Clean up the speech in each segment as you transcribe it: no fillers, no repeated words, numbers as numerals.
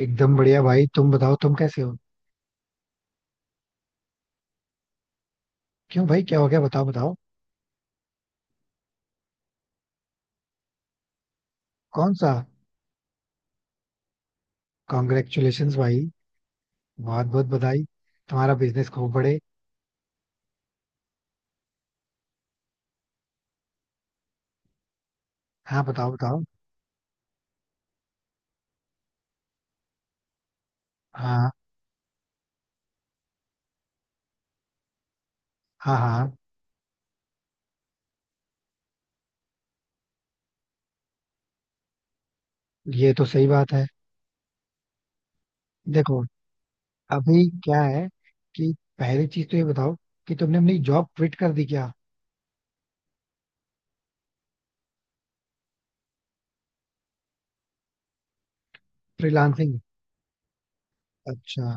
एकदम बढ़िया भाई. तुम बताओ, तुम कैसे हो? क्यों भाई, क्या हो गया? बताओ बताओ. कौन सा? कॉन्ग्रेचुलेशंस भाई. बहुत बहुत बधाई. तुम्हारा बिजनेस खूब बढ़े. हाँ, बताओ बताओ. हाँ हाँ. हाँ, ये तो सही बात है. देखो, अभी क्या है, कि पहली चीज तो ये बताओ, कि तुमने अपनी जॉब क्विट कर दी क्या? फ्रीलांसिंग? अच्छा.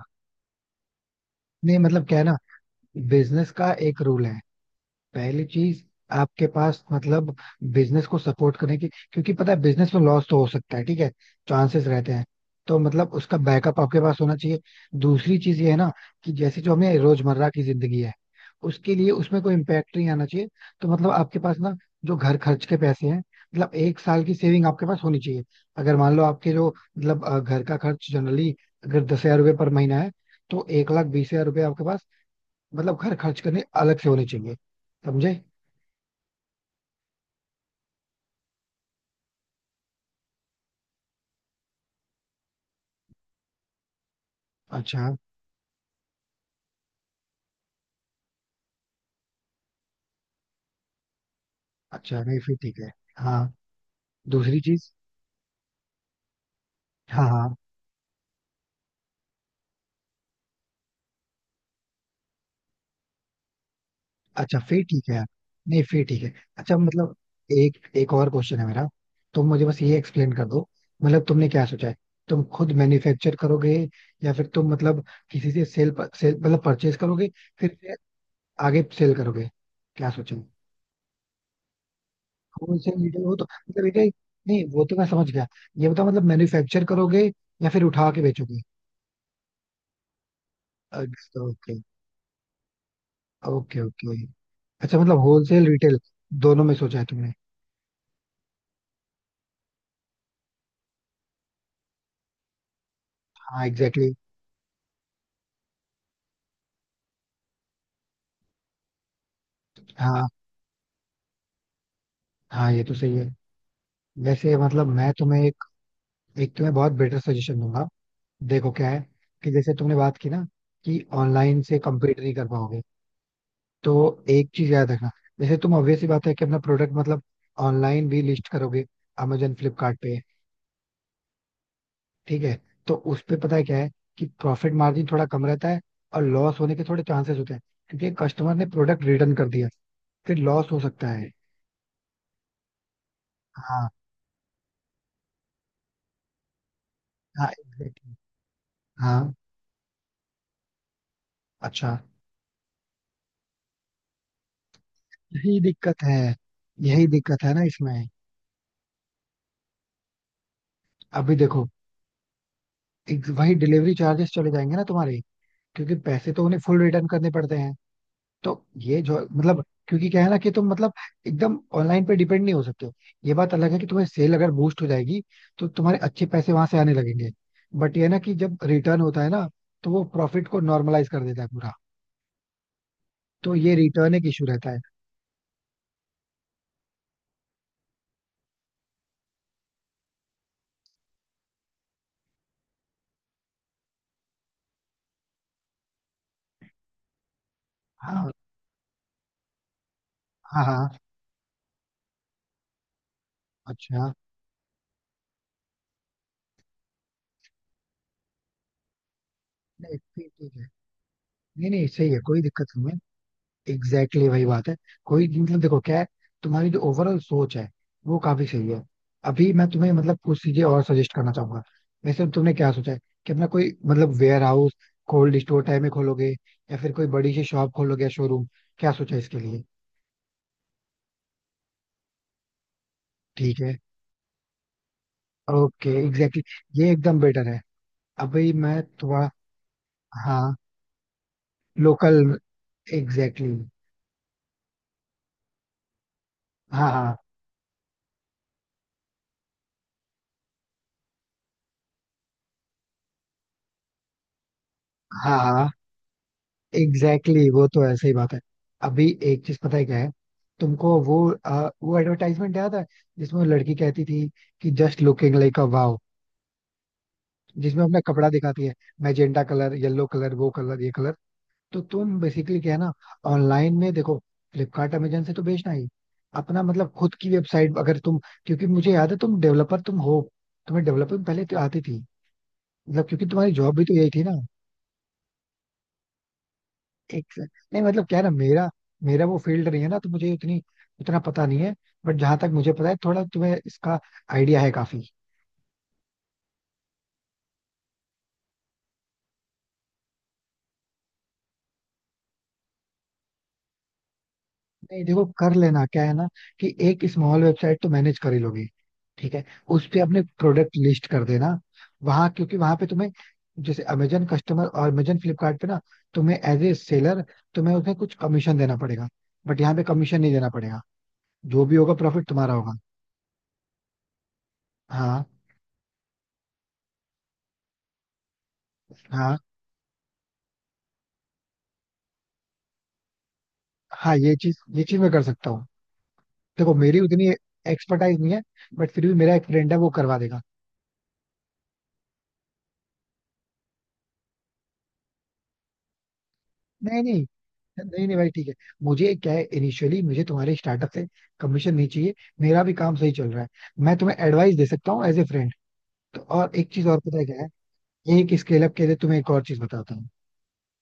नहीं मतलब क्या है ना, बिजनेस का एक रूल है. पहली चीज, आपके पास मतलब बिजनेस को सपोर्ट करने की, क्योंकि पता है बिजनेस में लॉस तो हो सकता है, ठीक है, चांसेस रहते हैं. तो मतलब उसका बैकअप आपके पास होना चाहिए. दूसरी चीज ये है ना, कि जैसे जो हमें रोजमर्रा की जिंदगी है, उसके लिए उसमें कोई इम्पेक्ट नहीं आना चाहिए. तो मतलब आपके पास ना, जो घर खर्च के पैसे हैं, मतलब एक साल की सेविंग आपके पास होनी चाहिए. अगर मान लो आपके जो मतलब घर का खर्च जनरली अगर 10,000 रुपये पर महीना है, तो 1,20,000 रुपये आपके पास, मतलब घर खर्च करने अलग से होने चाहिए. समझे? अच्छा. अच्छा, नहीं फिर ठीक है. हाँ. दूसरी चीज. हाँ हाँ. अच्छा फिर ठीक है यार. नहीं, फिर ठीक है. अच्छा मतलब, एक एक और क्वेश्चन है मेरा. तुम मुझे बस ये एक्सप्लेन कर दो, मतलब तुमने क्या सोचा है? तुम खुद मैन्युफैक्चर करोगे, या फिर तुम मतलब किसी से सेल, सेल मतलब परचेज करोगे, फिर से आगे सेल करोगे? क्या सोचा है? होलसेल रिटेल हो तो मतलब रिटेल. नहीं वो तो मैं समझ गया. ये बताओ मतलब मैन्युफैक्चर करोगे, या फिर उठा के बेचोगे? ओके. Okay okay. अच्छा मतलब होलसेल रिटेल दोनों में सोचा है तुमने? हाँ, एग्जैक्टली exactly. हाँ, हाँ ये तो सही है. वैसे मतलब मैं तुम्हें एक, एक तुम्हें बहुत बेटर सजेशन दूंगा. देखो क्या है, कि जैसे तुमने बात की ना कि ऑनलाइन से कम्पीट नहीं कर पाओगे, तो एक चीज याद रखना. जैसे तुम ऑब्वियस सी बात है कि अपना प्रोडक्ट मतलब ऑनलाइन भी लिस्ट करोगे, अमेजन फ्लिपकार्ट पे. ठीक है, तो उस पे पता है क्या है, कि प्रॉफिट मार्जिन थोड़ा कम रहता है, और लॉस होने के थोड़े चांसेस होते हैं, क्योंकि कस्टमर ने प्रोडक्ट रिटर्न कर दिया, फिर लॉस हो सकता है. हाँ, हाँ एग्जैक्टली. हाँ. अच्छा. यही दिक्कत है. यही दिक्कत है ना इसमें. अभी देखो, एक वही डिलीवरी चार्जेस चले जाएंगे ना तुम्हारे, क्योंकि पैसे तो उन्हें फुल रिटर्न करने पड़ते हैं. तो ये जो मतलब, क्योंकि क्या है ना, कि तुम मतलब एकदम ऑनलाइन पे डिपेंड नहीं हो सकते हो. ये बात अलग है कि तुम्हें सेल अगर बूस्ट हो जाएगी, तो तुम्हारे अच्छे पैसे वहां से आने लगेंगे, बट ये है ना कि जब रिटर्न होता है ना, तो वो प्रॉफिट को नॉर्मलाइज कर देता है पूरा. तो ये रिटर्न एक इशू रहता है. हाँ हाँ. हाँ. अच्छा. नहीं, ठीक, ठीक है. नहीं नहीं, सही है, कोई दिक्कत नहीं है. एग्जैक्टली exactly, वही बात है. कोई मतलब देखो क्या है, तुम्हारी जो ओवरऑल सोच है, वो काफी सही है. अभी मैं तुम्हें मतलब कुछ चीजें और सजेस्ट करना चाहूंगा. वैसे तो तुमने क्या सोचा है, कि अपना कोई मतलब warehouse, cold store type में खोलोगे, या फिर कोई बड़ी सी शॉप खोलोगे या शोरूम? क्या सोचा है इसके लिए? ठीक है. Okay exactly exactly. ये एकदम बेटर है. अभी मैं थोड़ा. हाँ. लोकल. Exactly exactly. हाँ हाँ. हाँ हाँ एग्जैक्टली exactly, वो तो ऐसे ही बात है. अभी एक चीज पता है क्या है, तुमको वो, वो एडवर्टाइजमेंट याद है जिसमें वो लड़की कहती थी कि just looking like a wow, जिसमें अपना कपड़ा दिखाती है, मैजेंटा कलर, येलो कलर, वो कलर, ये कलर. तो तुम बेसिकली क्या है ना, ऑनलाइन में देखो, फ्लिपकार्ट अमेजन से तो बेचना ही, अपना मतलब खुद की वेबसाइट अगर तुम, क्योंकि मुझे याद है तुम डेवलपर तुम हो, तुम्हें डेवलपिंग पहले तो आती थी. मतलब क्योंकि तुम्हारी जॉब भी तो यही थी ना? नहीं मतलब क्या है ना, मेरा मेरा वो फील्ड नहीं है ना, तो मुझे उतनी, उतना पता नहीं है. बट जहां तक मुझे पता है, थोड़ा तुम्हें इसका आइडिया है काफी. नहीं देखो, कर लेना क्या है ना, कि एक स्मॉल वेबसाइट तो मैनेज कर ही लोगे. ठीक है, उस पे अपने प्रोडक्ट लिस्ट कर देना. वहां, क्योंकि वहां पे तुम्हें, जैसे अमेजन कस्टमर और अमेजन फ्लिपकार्ट पे ना, तुम्हें एज ए सेलर, तुम्हें उसमें कुछ कमीशन देना पड़ेगा. बट यहाँ पे कमीशन नहीं देना पड़ेगा, जो भी होगा प्रॉफिट तुम्हारा होगा. हाँ हाँ. हाँ, ये चीज मैं कर सकता हूँ. देखो मेरी उतनी एक्सपर्टाइज नहीं है, बट फिर भी मेरा एक फ्रेंड है, वो करवा देगा. नहीं नहीं. नहीं नहीं भाई ठीक है. मुझे क्या है, इनिशियली मुझे तुम्हारे स्टार्टअप से कमीशन नहीं चाहिए. मेरा भी काम सही चल रहा है. मैं तुम्हें एडवाइस दे सकता हूँ एज ए फ्रेंड. तो और एक चीज और पता है क्या है, एक स्केल अप के लिए तुम्हें एक और चीज बताता हूँ.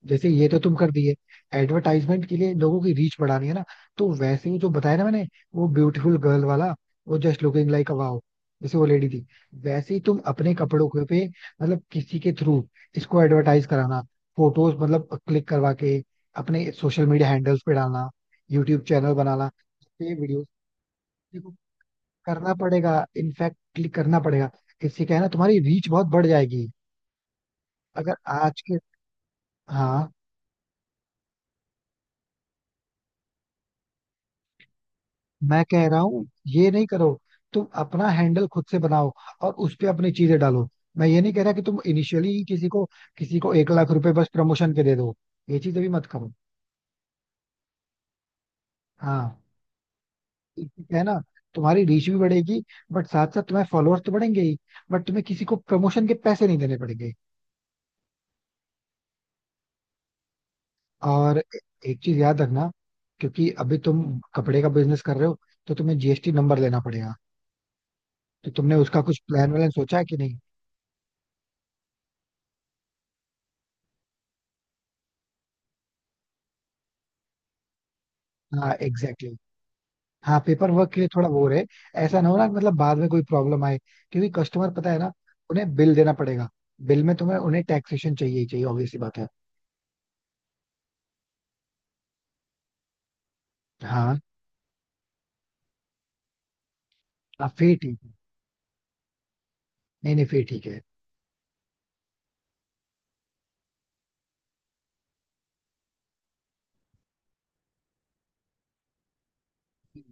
जैसे ये तो तुम कर दिए, एडवर्टाइजमेंट के लिए लोगों की रीच बढ़ानी है ना, तो वैसे ही जो बताया ना मैंने, वो ब्यूटीफुल गर्ल वाला, वो just looking like a wow, जैसे वो लेडी थी, वैसे ही तुम अपने कपड़ों के पे, मतलब किसी के थ्रू इसको एडवर्टाइज कराना, फोटोज मतलब क्लिक करवा के अपने सोशल मीडिया हैंडल्स पे डालना, यूट्यूब चैनल बनाना, ये वीडियो. देखो, करना पड़ेगा, इनफैक्ट क्लिक करना पड़ेगा. इससे क्या है ना, तुम्हारी रीच बहुत बढ़ जाएगी. अगर आज के. हाँ. मैं कह रहा हूँ ये नहीं करो. तुम अपना हैंडल खुद से बनाओ, और उस पे अपनी चीजें डालो. मैं ये नहीं कह रहा कि तुम इनिशियली ही किसी को, 1,00,000 रुपए बस प्रमोशन के दे दो. ये चीज अभी मत करो. हाँ. इससे क्या है ना, तुम्हारी रीच भी बढ़ेगी, बट साथ साथ तुम्हारे फॉलोअर्स तो बढ़ेंगे ही, बट तुम्हें किसी को प्रमोशन के पैसे नहीं देने पड़ेंगे. और ए- एक चीज याद रखना, क्योंकि अभी तुम कपड़े का बिजनेस कर रहे हो, तो तुम्हें जीएसटी नंबर लेना पड़ेगा. तो तुमने उसका कुछ प्लान वैलन सोचा है कि नहीं? हाँ एग्जैक्टली. हाँ, पेपर वर्क के लिए थोड़ा वो है. ऐसा ना हो ना, कि मतलब बाद में कोई प्रॉब्लम आए, क्योंकि कस्टमर पता है ना, उन्हें बिल देना पड़ेगा. बिल में तुम्हें उन्हें टैक्सेशन चाहिए ही चाहिए, ऑब्वियसली बात है. हाँ, हाँ, फिर ठीक है. नहीं नहीं फिर ठीक. है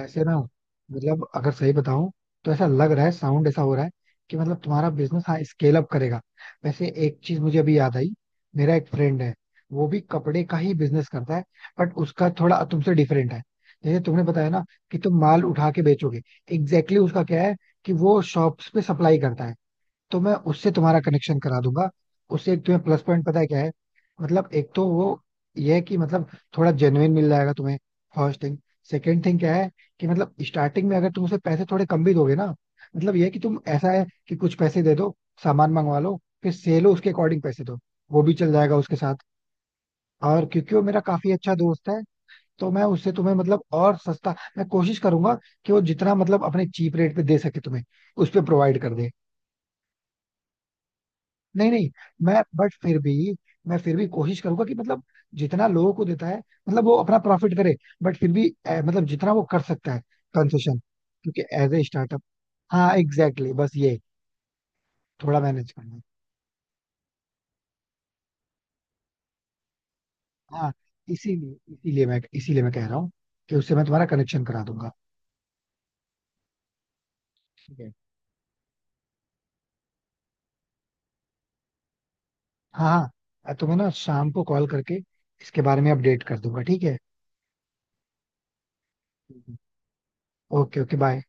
वैसे ना मतलब अगर सही बताऊं, तो ऐसा लग रहा है, साउंड ऐसा हो रहा है, कि मतलब तुम्हारा बिजनेस, हाँ, स्केल अप करेगा. वैसे एक चीज मुझे अभी याद आई, मेरा एक फ्रेंड है, वो भी कपड़े का ही बिजनेस करता है, बट उसका थोड़ा तुमसे डिफरेंट है. जैसे तुमने बताया ना कि तुम माल उठा के बेचोगे, एग्जैक्टली exactly, उसका क्या है कि वो शॉप्स पे सप्लाई करता है. तो मैं उससे तुम्हारा कनेक्शन करा दूंगा. उससे एक तुम्हें प्लस पॉइंट पता है क्या है, मतलब एक तो वो, ये है कि मतलब थोड़ा जेन्युइन मिल जाएगा तुम्हें. First thing. सेकेंड थिंग क्या है, कि मतलब स्टार्टिंग में अगर तुम उसे पैसे थोड़े कम भी दोगे ना, मतलब ये है कि तुम, ऐसा है कि कुछ पैसे दे दो, सामान मंगवा लो, फिर से लो उसके अकॉर्डिंग पैसे दो, वो भी चल जाएगा उसके साथ, और क्योंकि वो मेरा काफी अच्छा दोस्त है, तो मैं उससे तुम्हें मतलब और सस्ता मैं कोशिश करूंगा कि वो जितना मतलब अपने चीप रेट पे दे सके, तुम्हें उस पे प्रोवाइड कर दे. नहीं नहीं, मैं, बट फिर भी, मैं फिर भी कोशिश करूंगा कि मतलब जितना लोगों को देता है, मतलब वो अपना प्रॉफिट करे, बट फिर भी, मतलब जितना वो कर सकता है. कंसेशन, क्योंकि एज ए स्टार्टअप. हाँ एग्जैक्टली exactly, बस ये थोड़ा मैनेज करना है. हाँ. इसीलिए इसीलिए मैं कह रहा हूँ कि उससे मैं तुम्हारा कनेक्शन करा दूंगा. ठीक है. हाँ हाँ. मैं तुम्हें ना शाम को कॉल करके इसके बारे में अपडेट कर दूंगा. ठीक है. ठीक है. ओके. Okay bye.